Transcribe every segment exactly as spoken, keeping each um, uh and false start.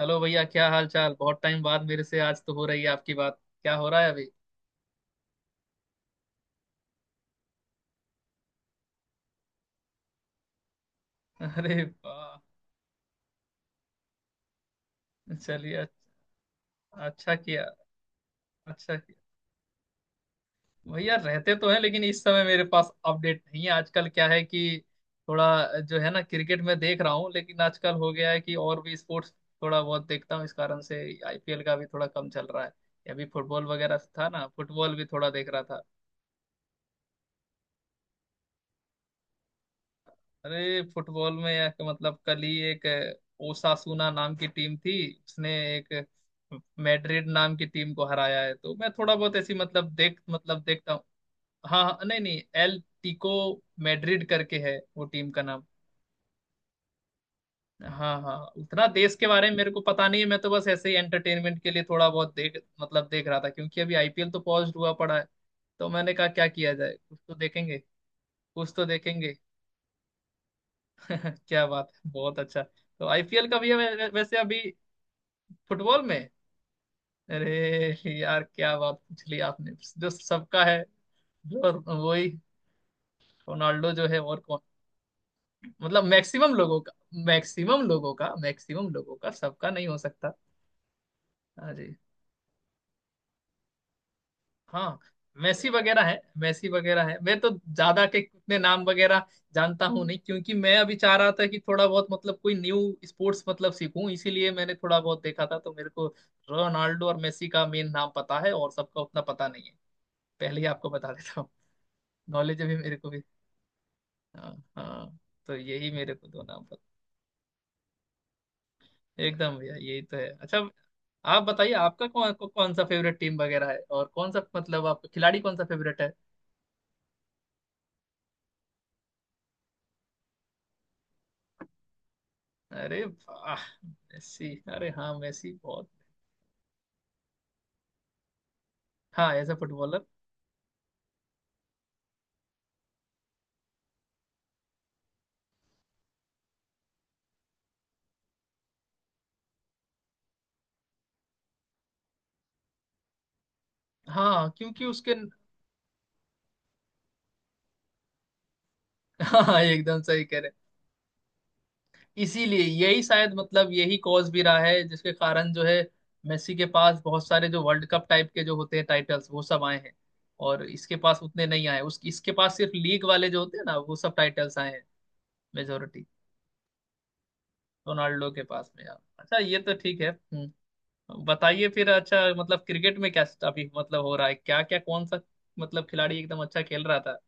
Hello भैया, क्या हाल चाल। बहुत टाइम बाद मेरे से आज तो हो रही है आपकी बात। क्या हो रहा है अभी? अरे वाह। चलिए अच्छा। अच्छा किया। अच्छा किया। भैया रहते तो हैं, लेकिन इस समय मेरे पास अपडेट नहीं है। आजकल क्या है कि थोड़ा जो है ना क्रिकेट में देख रहा हूँ, लेकिन आजकल हो गया है कि और भी स्पोर्ट्स थोड़ा बहुत देखता हूँ इस कारण से आईपीएल का भी थोड़ा कम चल रहा है। अभी फुटबॉल वगैरह था ना, फुटबॉल भी थोड़ा देख रहा था। अरे फुटबॉल में या कि मतलब कल ही एक अ, ओसासुना नाम की टीम थी। उसने एक मैड्रिड नाम की टीम को हराया है, तो मैं थोड़ा बहुत ऐसी मतलब देख मतलब देखता हूँ। हाँ हाँ, नहीं नहीं, एल टिको मैड्रिड करके है वो टीम का नाम। हाँ हाँ, उतना देश के बारे में मेरे को पता नहीं है। मैं तो बस ऐसे ही एंटरटेनमेंट के लिए थोड़ा बहुत देख मतलब देख रहा था क्योंकि अभी आईपीएल तो पॉज हुआ पड़ा है। तो मैंने कहा क्या किया जाए, कुछ तो देखेंगे, कुछ तो देखेंगे। क्या बात है, बहुत अच्छा। तो आईपीएल का भी है वै- वै- वैसे अभी फुटबॉल में। अरे यार, क्या बात पूछ ली आपने। जो सबका है, जो वही, रोनाल्डो जो है, और कौन? मतलब मैक्सिमम लोगों का, मैक्सिमम लोगों का मैक्सिमम लोगों का सबका नहीं हो सकता। हाँ जी। हाँ, मैसी वगैरह है मैसी वगैरह है, मैं तो ज्यादा के उतने नाम वगैरह जानता हूँ नहीं, क्योंकि मैं अभी चाह रहा था कि थोड़ा बहुत मतलब कोई न्यू स्पोर्ट्स मतलब सीखूं, इसीलिए मैंने थोड़ा बहुत देखा था। तो मेरे को रोनाल्डो और मेसी का मेन नाम पता है, और सबका उतना पता नहीं है। पहले ही आपको बता देता हूँ नॉलेज अभी मेरे को भी। हाँ। हाँ, तो यही मेरे को दो नाम पता। एकदम भैया, यही तो है। अच्छा आप बताइए, आपका कौन कौन सा फेवरेट टीम वगैरह है और कौन सा मतलब आपका खिलाड़ी कौन सा फेवरेट है? अरे वाह, मेसी। अरे हाँ, मेसी बहुत। हाँ, एज अ फुटबॉलर। हाँ, क्योंकि उसके। हाँ, एकदम सही कह रहे हैं। इसीलिए यही शायद मतलब यही कॉज भी रहा है जिसके कारण जो है मेसी के पास बहुत सारे जो वर्ल्ड कप टाइप के जो होते हैं टाइटल्स वो सब आए हैं, और इसके पास उतने नहीं आए। उस इसके पास सिर्फ लीग वाले जो होते हैं ना, वो सब टाइटल्स आए हैं मेजोरिटी रोनाल्डो के पास में। यार अच्छा, ये तो ठीक है। हम्म, बताइए फिर। अच्छा मतलब क्रिकेट में क्या अभी मतलब हो रहा है, क्या क्या, कौन सा मतलब खिलाड़ी एकदम अच्छा खेल रहा था?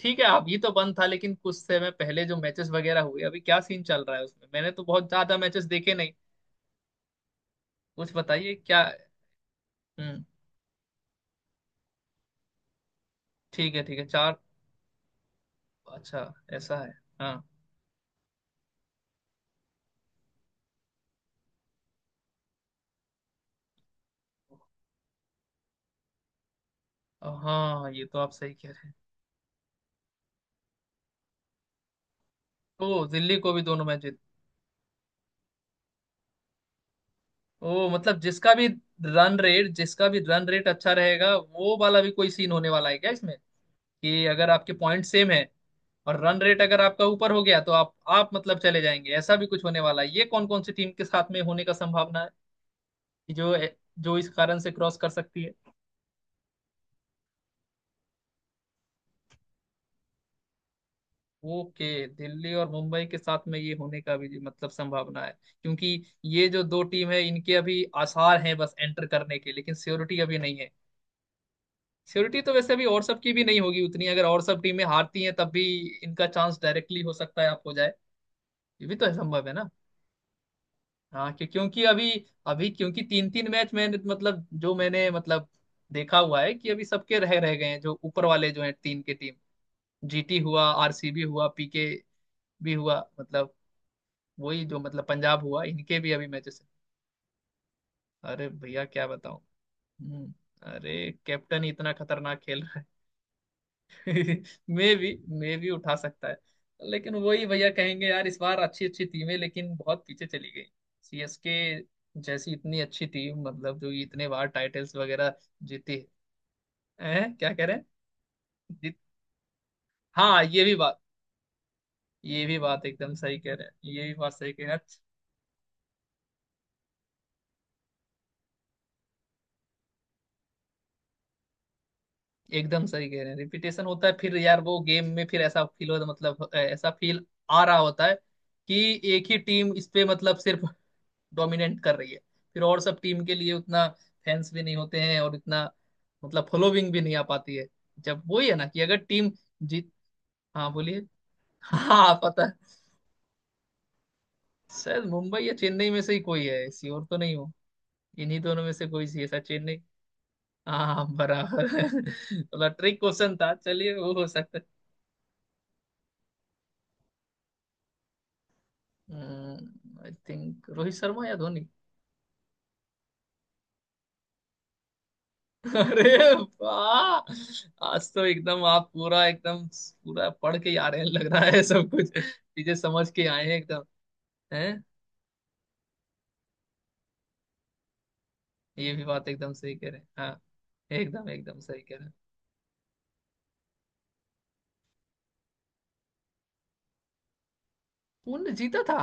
ठीक है, अभी तो बंद था, लेकिन कुछ समय पहले जो मैचेस वगैरह हुए, अभी क्या सीन चल रहा है उसमें? मैंने तो बहुत ज्यादा मैचेस देखे नहीं। कुछ बताइए क्या। हम्म। ठीक है ठीक है, चार। अच्छा ऐसा है। हाँ हाँ, ये तो आप सही कह रहे हैं। ओ दिल्ली को भी दोनों मैच जीत। ओ मतलब जिसका भी रन रेट, जिसका भी रन रेट अच्छा रहेगा, वो वाला भी कोई सीन होने वाला है क्या इसमें? कि अगर आपके पॉइंट सेम है और रन रेट अगर आपका ऊपर हो गया तो आप आप मतलब चले जाएंगे, ऐसा भी कुछ होने वाला है? ये कौन कौन सी टीम के साथ में होने का संभावना है कि जो जो इस कारण से क्रॉस कर सकती है? ओके, दिल्ली और मुंबई के साथ में ये होने का भी मतलब संभावना है, क्योंकि ये जो दो टीम है इनके अभी आसार हैं बस एंटर करने के, लेकिन श्योरिटी अभी नहीं है। श्योरिटी तो वैसे भी और सब की भी नहीं होगी उतनी। अगर और सब टीमें हारती हैं तब भी इनका चांस डायरेक्टली हो सकता है आपको जाए, ये भी तो संभव है ना। हाँ क्यों- क्योंकि अभी, अभी क्योंकि तीन तीन मैच मैंने मतलब जो मैंने मतलब देखा हुआ है कि अभी सबके रह रह गए हैं। जो ऊपर वाले जो हैं तीन के टीम, जीटी हुआ, आरसीबी हुआ, पीके भी हुआ, मतलब वही जो मतलब पंजाब हुआ, इनके भी अभी मैचेस। अरे भैया क्या बताऊं। हम्म, अरे कैप्टन ही इतना खतरनाक खेल। मे भी, मे भी उठा सकता है। लेकिन वही भैया कहेंगे यार, इस बार अच्छी अच्छी टीमें लेकिन बहुत पीछे चली गई। सीएसके जैसी इतनी अच्छी टीम, मतलब जो इतने बार टाइटल्स वगैरह जीती है हैं? क्या कह रहे हैं। जीत। हाँ ये भी बात, ये भी बात एकदम सही कह रहे हैं, ये भी बात सही कह रहे हैं। एकदम सही कह रहे हैं, रिपीटेशन होता है फिर यार वो गेम में। फिर ऐसा फील हो मतलब ऐसा फील आ रहा होता है कि एक ही टीम इस पे मतलब सिर्फ डोमिनेट कर रही है। फिर और सब टीम के लिए उतना फैंस भी नहीं होते हैं, और इतना मतलब फॉलोविंग भी नहीं आ पाती है, जब वही है ना कि अगर टीम जीत। हाँ बोलिए। हाँ पता है। शायद मुंबई या चेन्नई में से ही कोई है, ऐसी और तो नहीं हो, इन्हीं दोनों में से कोई सी है, शायद चेन्नई। हाँ बराबर। थोड़ा ट्रिक क्वेश्चन था, चलिए वो हो सकता है। आई थिंक रोहित शर्मा या धोनी। अरे वाह, आज तो एकदम आप पूरा एकदम पूरा पढ़ के ही आ रहे हैं लग रहा है, सब कुछ चीजें समझ के आए हैं एकदम। हैं। ये भी बात एकदम सही कह रहे हैं, हाँ। एकदम एकदम सही कह रहे हैं। पुण्य जीता था।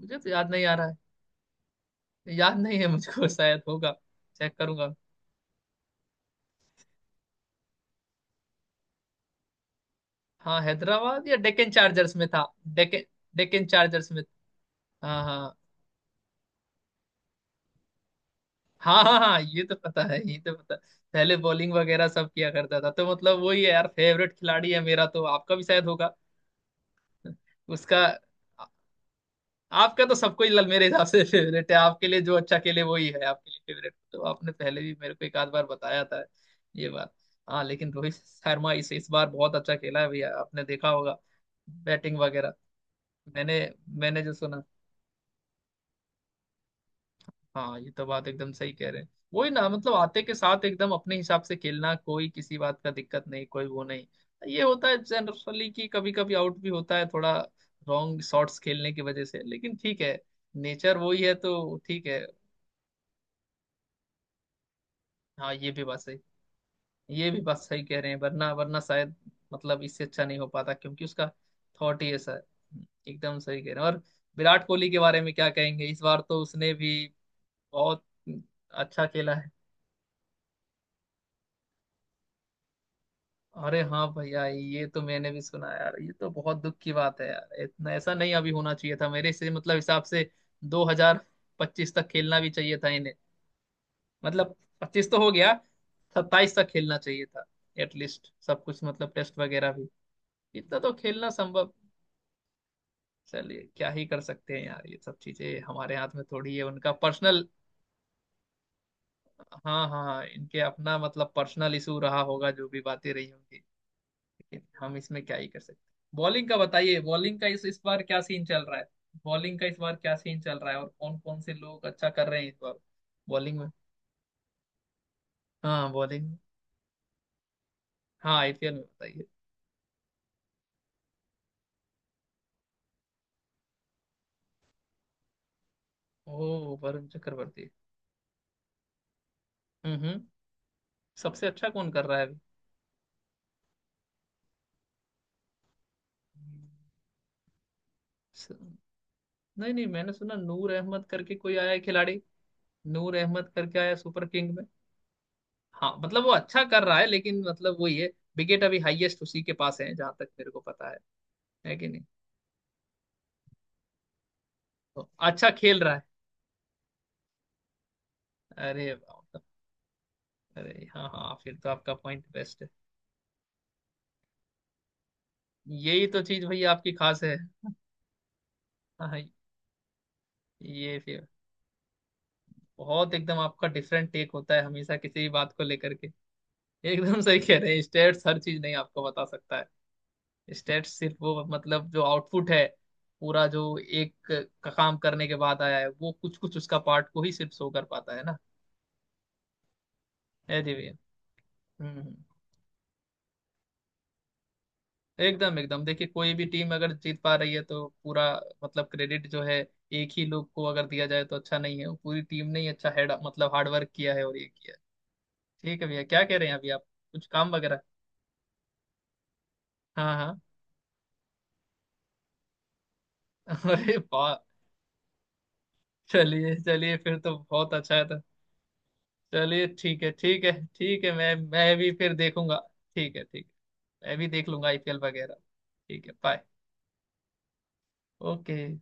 मुझे तो याद नहीं आ रहा। है याद नहीं है मुझको, शायद होगा। चेक करूंगा। हाँ, हैदराबाद या डेक्कन चार्जर्स में था। डेक्कन, डेक्कन चार्जर्स में। हाँ हाँ। हाँ हाँ हाँ, ये तो पता है, ये तो पता है। पहले बॉलिंग वगैरह सब किया करता था, तो मतलब वही है यार, फेवरेट खिलाड़ी है मेरा तो, आपका भी शायद होगा उसका। आ- आपका तो सबको ही लल- मेरे हिसाब से फेवरेट है, आपके लिए जो अच्छा खेले वही है आपके लिए फेवरेट, तो आपने पहले भी मेरे को एक आध बार बताया था ये बात। हाँ लेकिन रोहित शर्मा इस इस बार बहुत अच्छा खेला है भैया, आपने देखा होगा बैटिंग वगैरह। मैंने मैंने जो सुना। हाँ ये तो बात एकदम सही कह रहे हैं, वही ना मतलब आते के साथ एकदम अपने हिसाब से खेलना, कोई किसी बात का दिक्कत नहीं, कोई वो नहीं। ये होता है जनरली कि कभी कभी आउट भी होता है थोड़ा रॉन्ग शॉट्स खेलने की वजह से, लेकिन ठीक है, नेचर वही है तो ठीक है। हाँ ये भी बात सही, ये भी बात सही कह रहे हैं। वरना वरना शायद मतलब इससे अच्छा नहीं हो पाता, क्योंकि उसका थॉट ही ऐसा है। एकदम सही कह रहे हैं। और विराट कोहली के बारे में क्या कहेंगे? इस बार तो उसने भी बहुत अच्छा खेला है। अरे हाँ भैया, ये तो मैंने भी सुना यार, ये तो बहुत दुख की बात है यार। इतना ऐसा नहीं अभी होना चाहिए था, मेरे से मतलब हिसाब से दो हज़ार पच्चीस तक खेलना भी चाहिए था इन्हें। मतलब पच्चीस तो हो गया, सत्ताईस तक खेलना चाहिए था एटलीस्ट, सब कुछ मतलब टेस्ट वगैरह भी इतना तो खेलना संभव। चलिए, क्या ही कर सकते हैं यार, ये सब चीजें हमारे हाथ में थोड़ी है, उनका पर्सनल। हाँ हाँ हाँ, इनके अपना मतलब पर्सनल इशू रहा होगा, जो भी बातें रही होंगी, हम इसमें क्या ही कर सकते हैं। बॉलिंग का बताइए, बॉलिंग का इस इस बार क्या सीन चल रहा है? बॉलिंग का इस बार क्या सीन चल रहा है, और कौन कौन से लोग अच्छा कर रहे हैं इस बार बॉलिंग में? हाँ बॉलिंग में। हाँ आईपीएल में बताइए। ओ वरुण चक्रवर्ती। हम्म हम्म सबसे अच्छा कौन कर रहा है अभी? स- नहीं नहीं, मैंने सुना नूर अहमद करके कोई आया है खिलाड़ी, नूर अहमद करके आया सुपर किंग में। हाँ मतलब वो अच्छा कर रहा है, लेकिन मतलब वही है, विकेट अभी हाईएस्ट उसी के पास है जहां तक मेरे को पता है है कि नहीं? तो अच्छा खेल रहा। अरे बाप रे, अरे हाँ हाँ, फिर तो आपका पॉइंट बेस्ट है। यही तो चीज भाई आपकी खास है। हाँ ये फिर बहुत एकदम आपका डिफरेंट टेक होता है हमेशा किसी भी बात को लेकर के। एकदम सही कह रहे हैं, स्टेट्स हर चीज नहीं आपको बता सकता है। स्टेट्स सिर्फ वो मतलब जो आउटपुट है, पूरा जो एक का काम करने के बाद आया है, वो कुछ कुछ उसका पार्ट को ही सिर्फ शो कर पाता है ना। है जी भैया। हम्म हम्म। एकदम एकदम देखिए, कोई भी टीम अगर जीत पा रही है तो पूरा मतलब क्रेडिट जो है एक ही लोग को अगर दिया जाए तो अच्छा नहीं है, वो पूरी टीम ने ही अच्छा हेड मतलब हार्डवर्क किया है और ये किया है। ठीक है भैया, क्या कह रहे हैं अभी आप, कुछ काम वगैरह? हाँ हाँ। अरे वाह, चलिए चलिए फिर तो बहुत अच्छा है तो। चलिए ठीक है ठीक है ठीक है, मैं मैं भी फिर देखूंगा। ठीक है ठीक है, मैं भी देख लूंगा आईपीएल वगैरह। ठीक है, बाय। ओके।